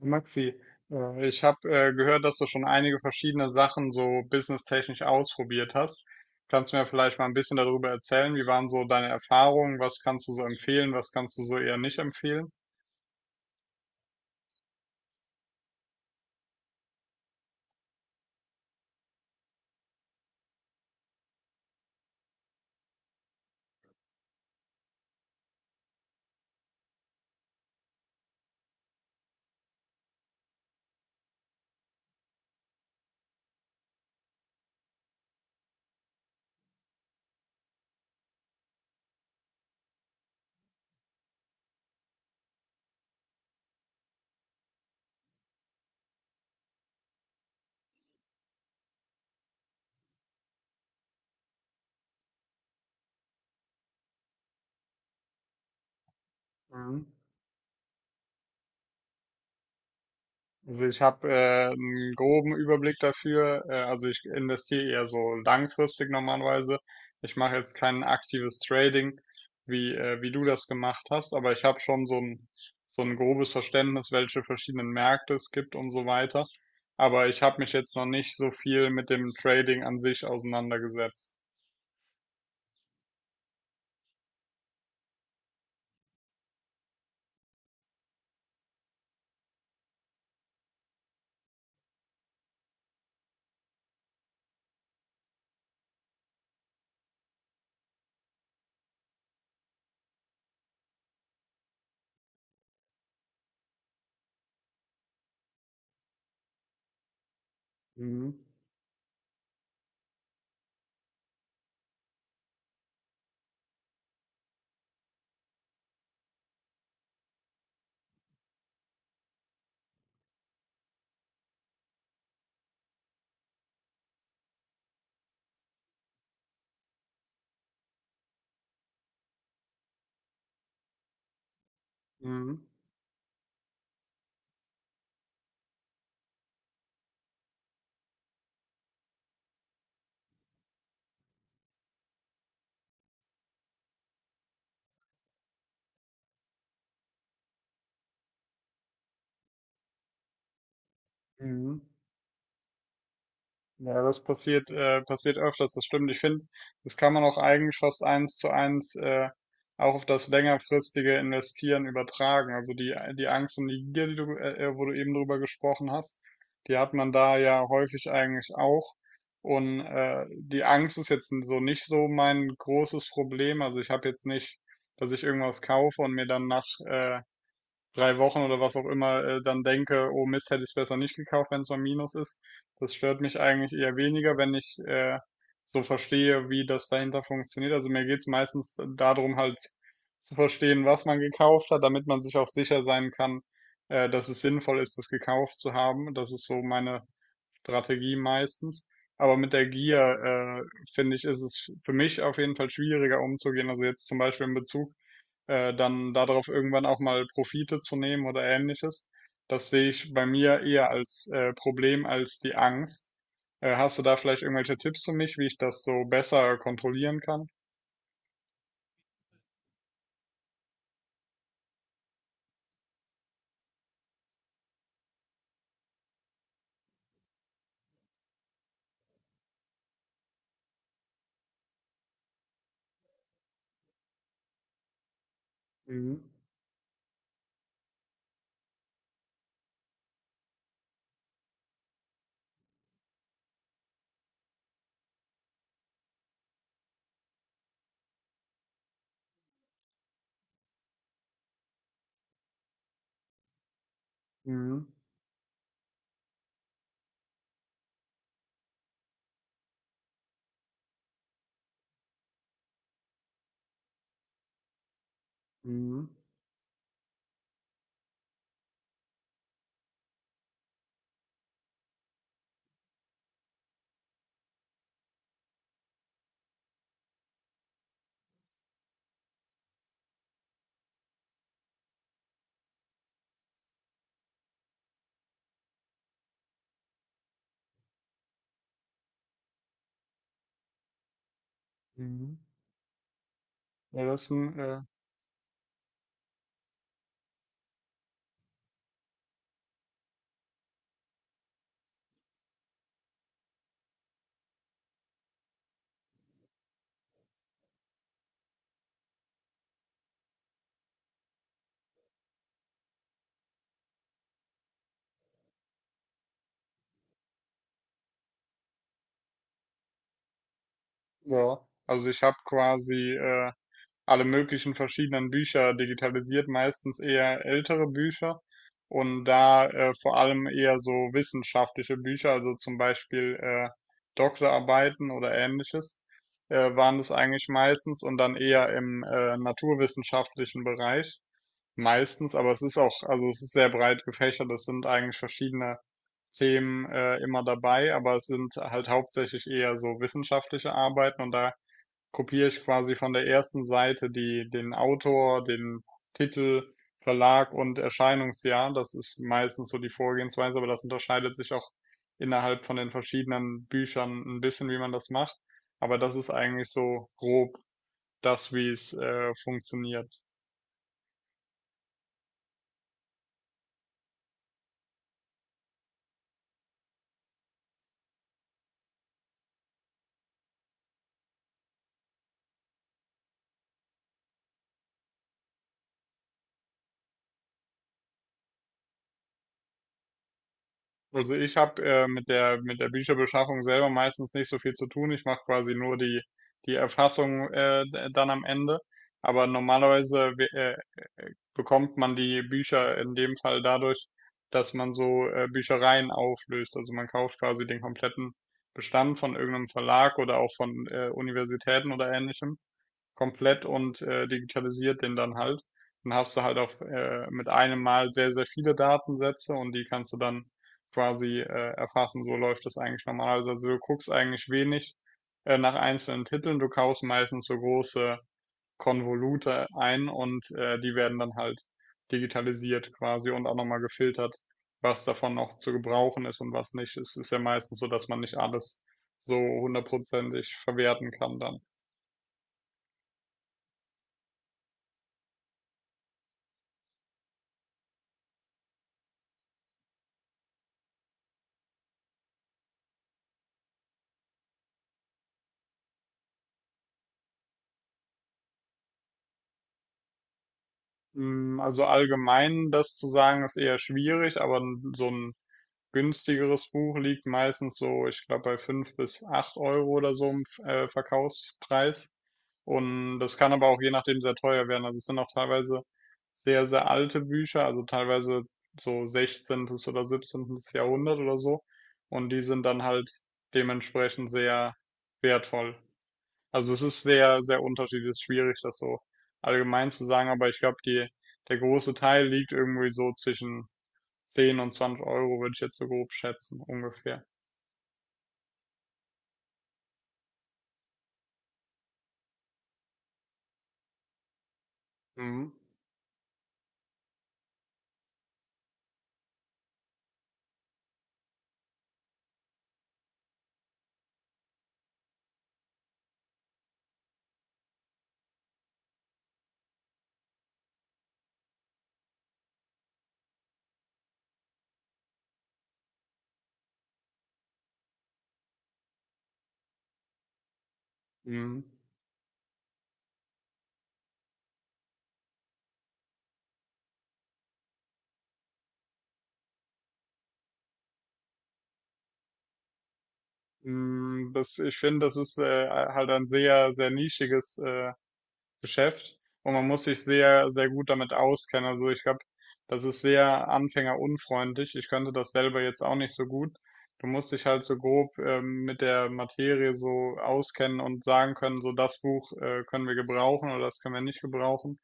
Maxi, ich habe gehört, dass du schon einige verschiedene Sachen so businesstechnisch ausprobiert hast. Kannst du mir vielleicht mal ein bisschen darüber erzählen? Wie waren so deine Erfahrungen? Was kannst du so empfehlen? Was kannst du so eher nicht empfehlen? Mhm. Also ich habe einen groben Überblick dafür. Also ich investiere eher so langfristig normalerweise. Ich mache jetzt kein aktives Trading, wie du das gemacht hast, aber ich habe schon so ein grobes Verständnis, welche verschiedenen Märkte es gibt und so weiter. Aber ich habe mich jetzt noch nicht so viel mit dem Trading an sich auseinandergesetzt. Mhm. Mhm. Mhm. Ja, das passiert öfters, das stimmt. Ich finde, das kann man auch eigentlich fast eins zu eins auch auf das längerfristige Investieren übertragen. Also die Angst und die Gier, wo du eben drüber gesprochen hast, die hat man da ja häufig eigentlich auch. Und die Angst ist jetzt so nicht so mein großes Problem. Also ich habe jetzt nicht, dass ich irgendwas kaufe und mir dann nach, 3 Wochen oder was auch immer, dann denke, oh Mist, hätte ich es besser nicht gekauft, wenn es mal Minus ist. Das stört mich eigentlich eher weniger, wenn ich so verstehe, wie das dahinter funktioniert. Also mir geht's meistens darum, halt zu verstehen, was man gekauft hat, damit man sich auch sicher sein kann, dass es sinnvoll ist, das gekauft zu haben. Das ist so meine Strategie meistens. Aber mit der Gier, finde ich, ist es für mich auf jeden Fall schwieriger umzugehen. Also jetzt zum Beispiel in Bezug dann darauf irgendwann auch mal Profite zu nehmen oder ähnliches. Das sehe ich bei mir eher als Problem als die Angst. Hast du da vielleicht irgendwelche Tipps für mich, wie ich das so besser kontrollieren kann? Mhm. Mhm. Mhm. Mhm. Ja, ja. Also ich habe quasi alle möglichen verschiedenen Bücher digitalisiert, meistens eher ältere Bücher und da vor allem eher so wissenschaftliche Bücher, also zum Beispiel Doktorarbeiten oder ähnliches, waren das eigentlich meistens und dann eher im naturwissenschaftlichen Bereich meistens, aber also es ist sehr breit gefächert, es sind eigentlich verschiedene Themen, immer dabei, aber es sind halt hauptsächlich eher so wissenschaftliche Arbeiten und da kopiere ich quasi von der ersten Seite die den Autor, den Titel, Verlag und Erscheinungsjahr. Das ist meistens so die Vorgehensweise, aber das unterscheidet sich auch innerhalb von den verschiedenen Büchern ein bisschen, wie man das macht. Aber das ist eigentlich so grob das, wie's, funktioniert. Also ich habe mit der Bücherbeschaffung selber meistens nicht so viel zu tun. Ich mache quasi nur die Erfassung dann am Ende. Aber normalerweise bekommt man die Bücher in dem Fall dadurch, dass man so Büchereien auflöst. Also man kauft quasi den kompletten Bestand von irgendeinem Verlag oder auch von Universitäten oder ähnlichem komplett und digitalisiert den dann halt. Dann hast du halt auf mit einem Mal sehr, sehr viele Datensätze und die kannst du dann quasi erfassen. So läuft das eigentlich normalerweise. Also du guckst eigentlich wenig nach einzelnen Titeln, du kaufst meistens so große Konvolute ein und die werden dann halt digitalisiert quasi und auch nochmal gefiltert, was davon noch zu gebrauchen ist und was nicht. Es ist ja meistens so, dass man nicht alles so hundertprozentig verwerten kann dann. Also allgemein das zu sagen, ist eher schwierig, aber so ein günstigeres Buch liegt meistens so, ich glaube, bei 5 bis 8 Euro oder so im Verkaufspreis. Und das kann aber auch je nachdem sehr teuer werden. Also es sind auch teilweise sehr, sehr alte Bücher, also teilweise so 16. oder 17. Jahrhundert oder so. Und die sind dann halt dementsprechend sehr wertvoll. Also es ist sehr, sehr unterschiedlich, es ist schwierig, das so allgemein zu sagen, aber ich glaube, der große Teil liegt irgendwie so zwischen 10 und 20 Euro, würde ich jetzt so grob schätzen, ungefähr. Mhm. Mhm. Das, ich finde, das ist halt ein sehr, sehr nischiges Geschäft und man muss sich sehr, sehr gut damit auskennen. Also ich glaube, das ist sehr anfängerunfreundlich. Ich könnte das selber jetzt auch nicht so gut. Du musst dich halt so grob mit der Materie so auskennen und sagen können, so das Buch können wir gebrauchen oder das können wir nicht gebrauchen.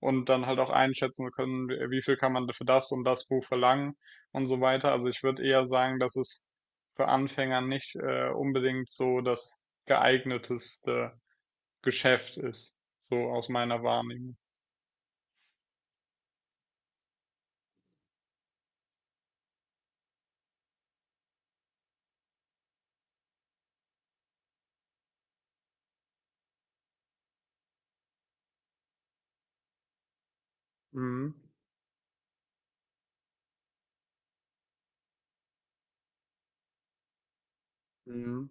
Und dann halt auch einschätzen können, wie viel kann man für das und das Buch verlangen und so weiter. Also ich würde eher sagen, dass es für Anfänger nicht unbedingt so das geeigneteste Geschäft ist, so aus meiner Wahrnehmung. Mhm. Mhm.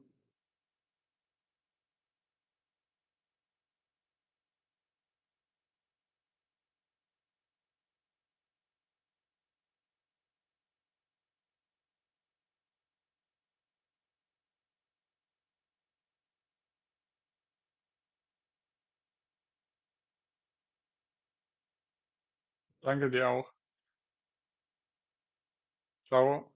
Danke dir auch. Ciao.